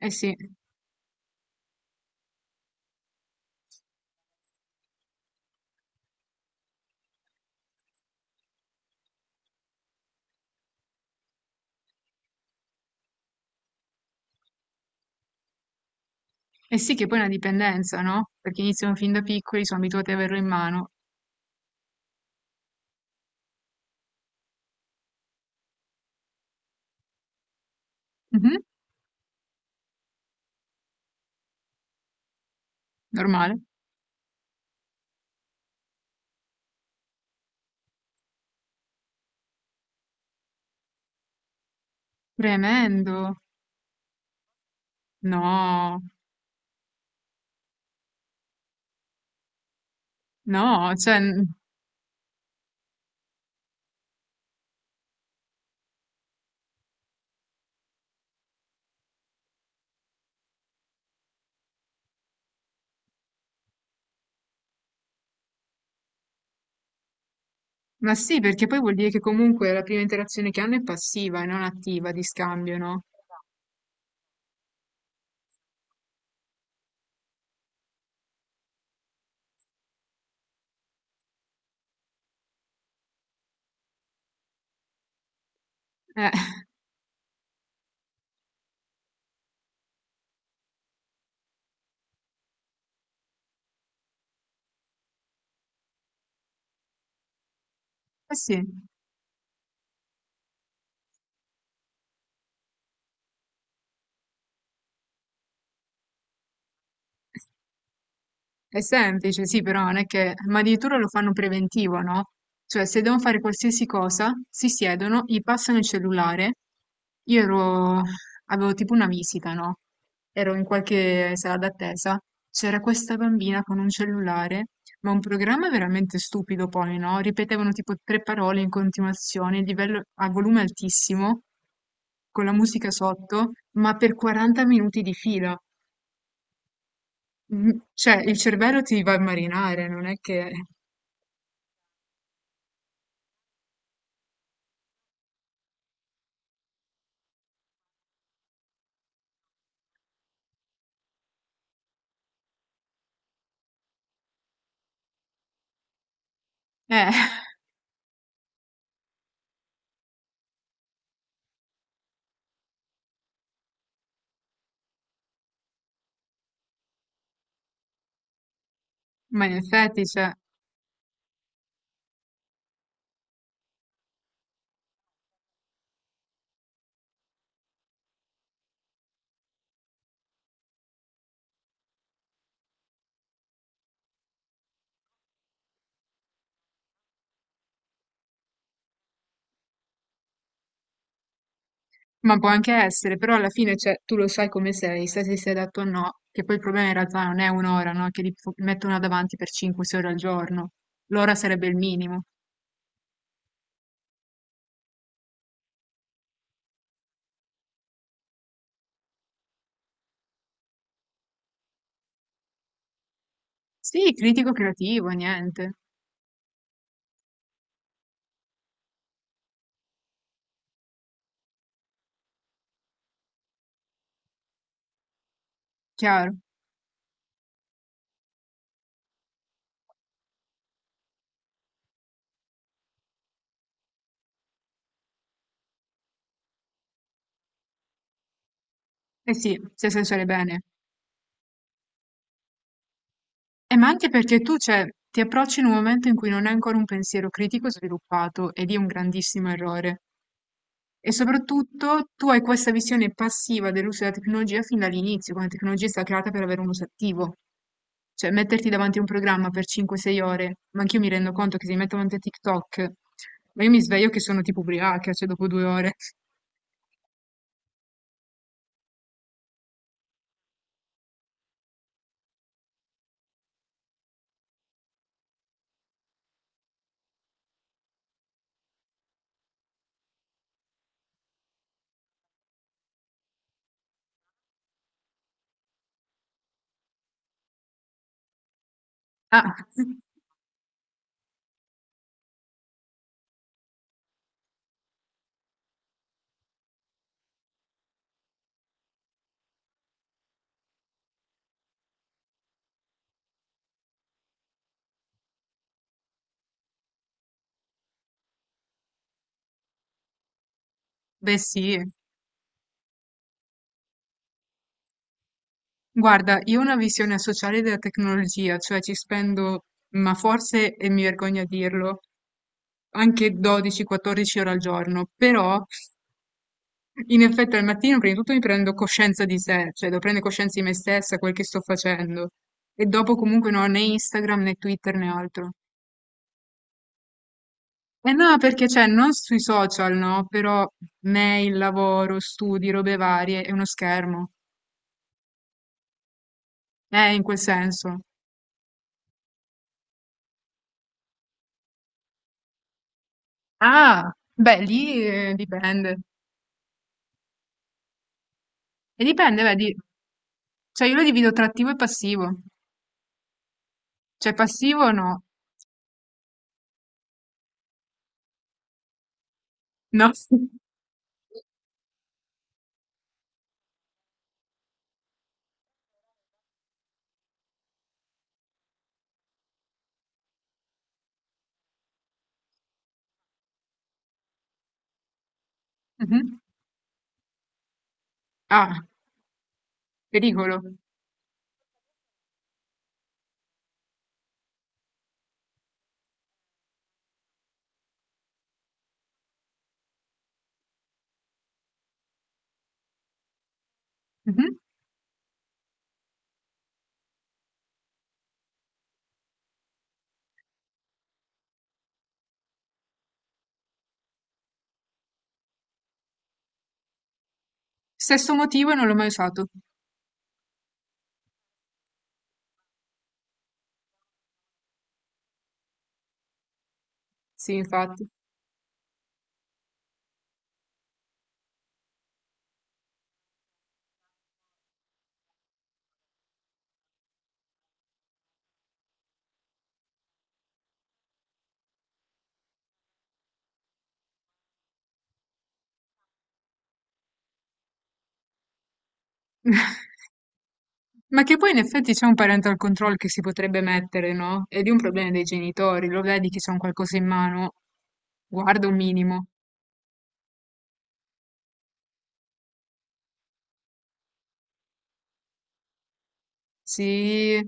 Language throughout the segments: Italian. Eh sì, eh sì che poi è una dipendenza, no? Perché iniziano fin da piccoli, sono abituati ad averlo in mano. Mhm, normale. Tremendo. No, no, cioè, ma sì, perché poi vuol dire che comunque la prima interazione che hanno è passiva e non attiva di scambio, no? Eh, eh sì. È semplice, sì, però non è che... Ma addirittura lo fanno preventivo, no? Cioè, se devono fare qualsiasi cosa, si siedono, gli passano il cellulare. Io ero... avevo tipo una visita, no? Ero in qualche sala d'attesa. C'era questa bambina con un cellulare, ma un programma veramente stupido poi, no? Ripetevano tipo tre parole in continuazione, il livello a volume altissimo, con la musica sotto, ma per 40 minuti di fila. Cioè il cervello ti va a marinare, non è che eh, ma in effetti, cioè ma può anche essere, però alla fine, cioè, tu lo sai come sei, sai se sei adatto o no, che poi il problema in realtà non è 1 ora, no, che li f mettono davanti per 5, 6 ore al giorno. L'ora sarebbe il minimo. Sì, critico creativo, niente, chiaro. Eh sì, se sai usare bene. Ma anche perché tu, cioè, ti approcci in un momento in cui non hai ancora un pensiero critico sviluppato ed è un grandissimo errore. E soprattutto tu hai questa visione passiva dell'uso della tecnologia fin dall'inizio, quando la tecnologia è stata creata per avere un uso attivo. Cioè, metterti davanti a un programma per 5-6 ore, ma anch'io mi rendo conto che se mi metto davanti a TikTok, ma io mi sveglio che sono tipo ubriaca, cioè dopo 2 ore. Ah, beh sì. Guarda, io ho una visione sociale della tecnologia, cioè ci spendo, ma forse, e mi vergogno a dirlo, anche 12-14 ore al giorno, però in effetti al mattino prima di tutto mi prendo coscienza di sé, cioè devo prendere coscienza di me stessa, quel che sto facendo. E dopo comunque non ho né Instagram né Twitter né altro. E no, perché cioè, non sui social, no, però mail, lavoro, studi, robe varie, è uno schermo. In quel senso. Ah, beh, lì dipende. E dipende, vedi, cioè io lo divido tra attivo e passivo. Cioè passivo no. No. Mhm. Ah, pericolo. Mhm. Stesso motivo e non l'ho mai usato. Sì, infatti. Ma che poi in effetti c'è un parental control che si potrebbe mettere, no? Ed è di un problema dei genitori, lo vedi che c'è un qualcosa in mano, guarda un minimo. Sì.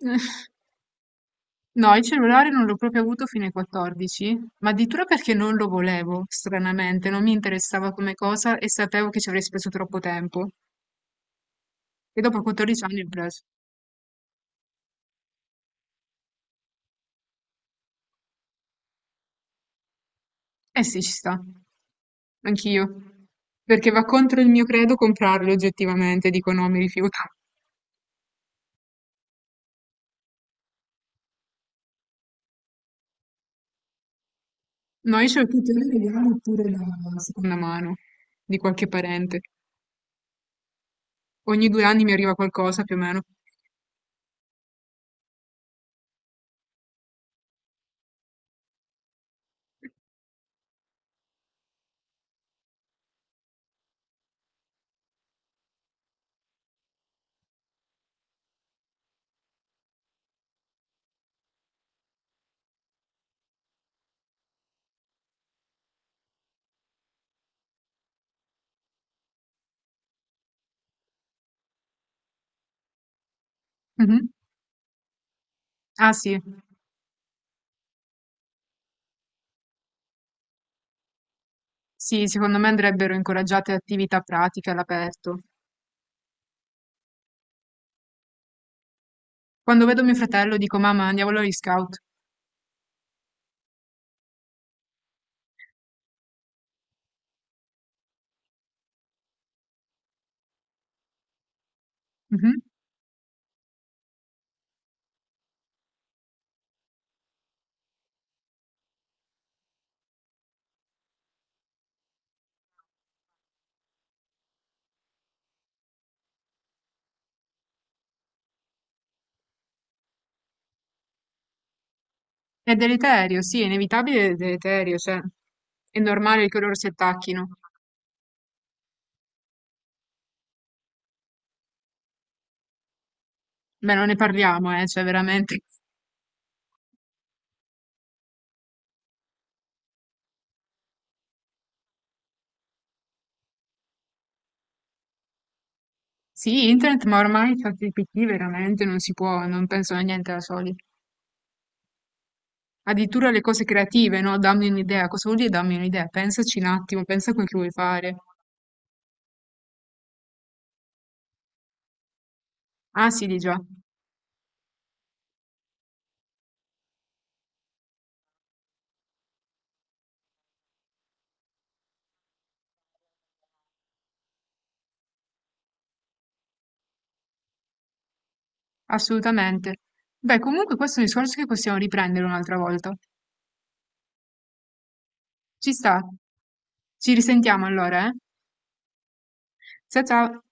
No, il cellulare non l'ho proprio avuto fino ai 14, ma addirittura perché non lo volevo, stranamente, non mi interessava come cosa e sapevo che ci avrei speso troppo tempo. E dopo 14 anni l'ho preso. Eh sì, ci sta. Anch'io. Perché va contro il mio credo comprarli oggettivamente, dico no, mi rifiuto. No, io ce l'ho tutti alla seconda mano, di qualche parente. Ogni 2 anni mi arriva qualcosa, più o meno. Mhm. Ah sì, sì, secondo me andrebbero incoraggiate attività pratiche all'aperto. Quando vedo mio fratello dico, mamma, andiamo agli scout. Mhm. È deleterio, sì, è inevitabile ed è deleterio, cioè, è normale che loro si attacchino. Beh, non ne parliamo, cioè, veramente. Sì, internet, ma ormai ChatGPT veramente non si può, non penso a niente da soli. Addirittura le cose creative, no? Dammi un'idea. Cosa vuol dire dammi un'idea? Pensaci un attimo, pensa a quel che vuoi fare. Ah, sì, di già, assolutamente. Beh, comunque questo è un discorso che possiamo riprendere un'altra volta. Ci sta. Ci risentiamo allora, eh? Ciao ciao.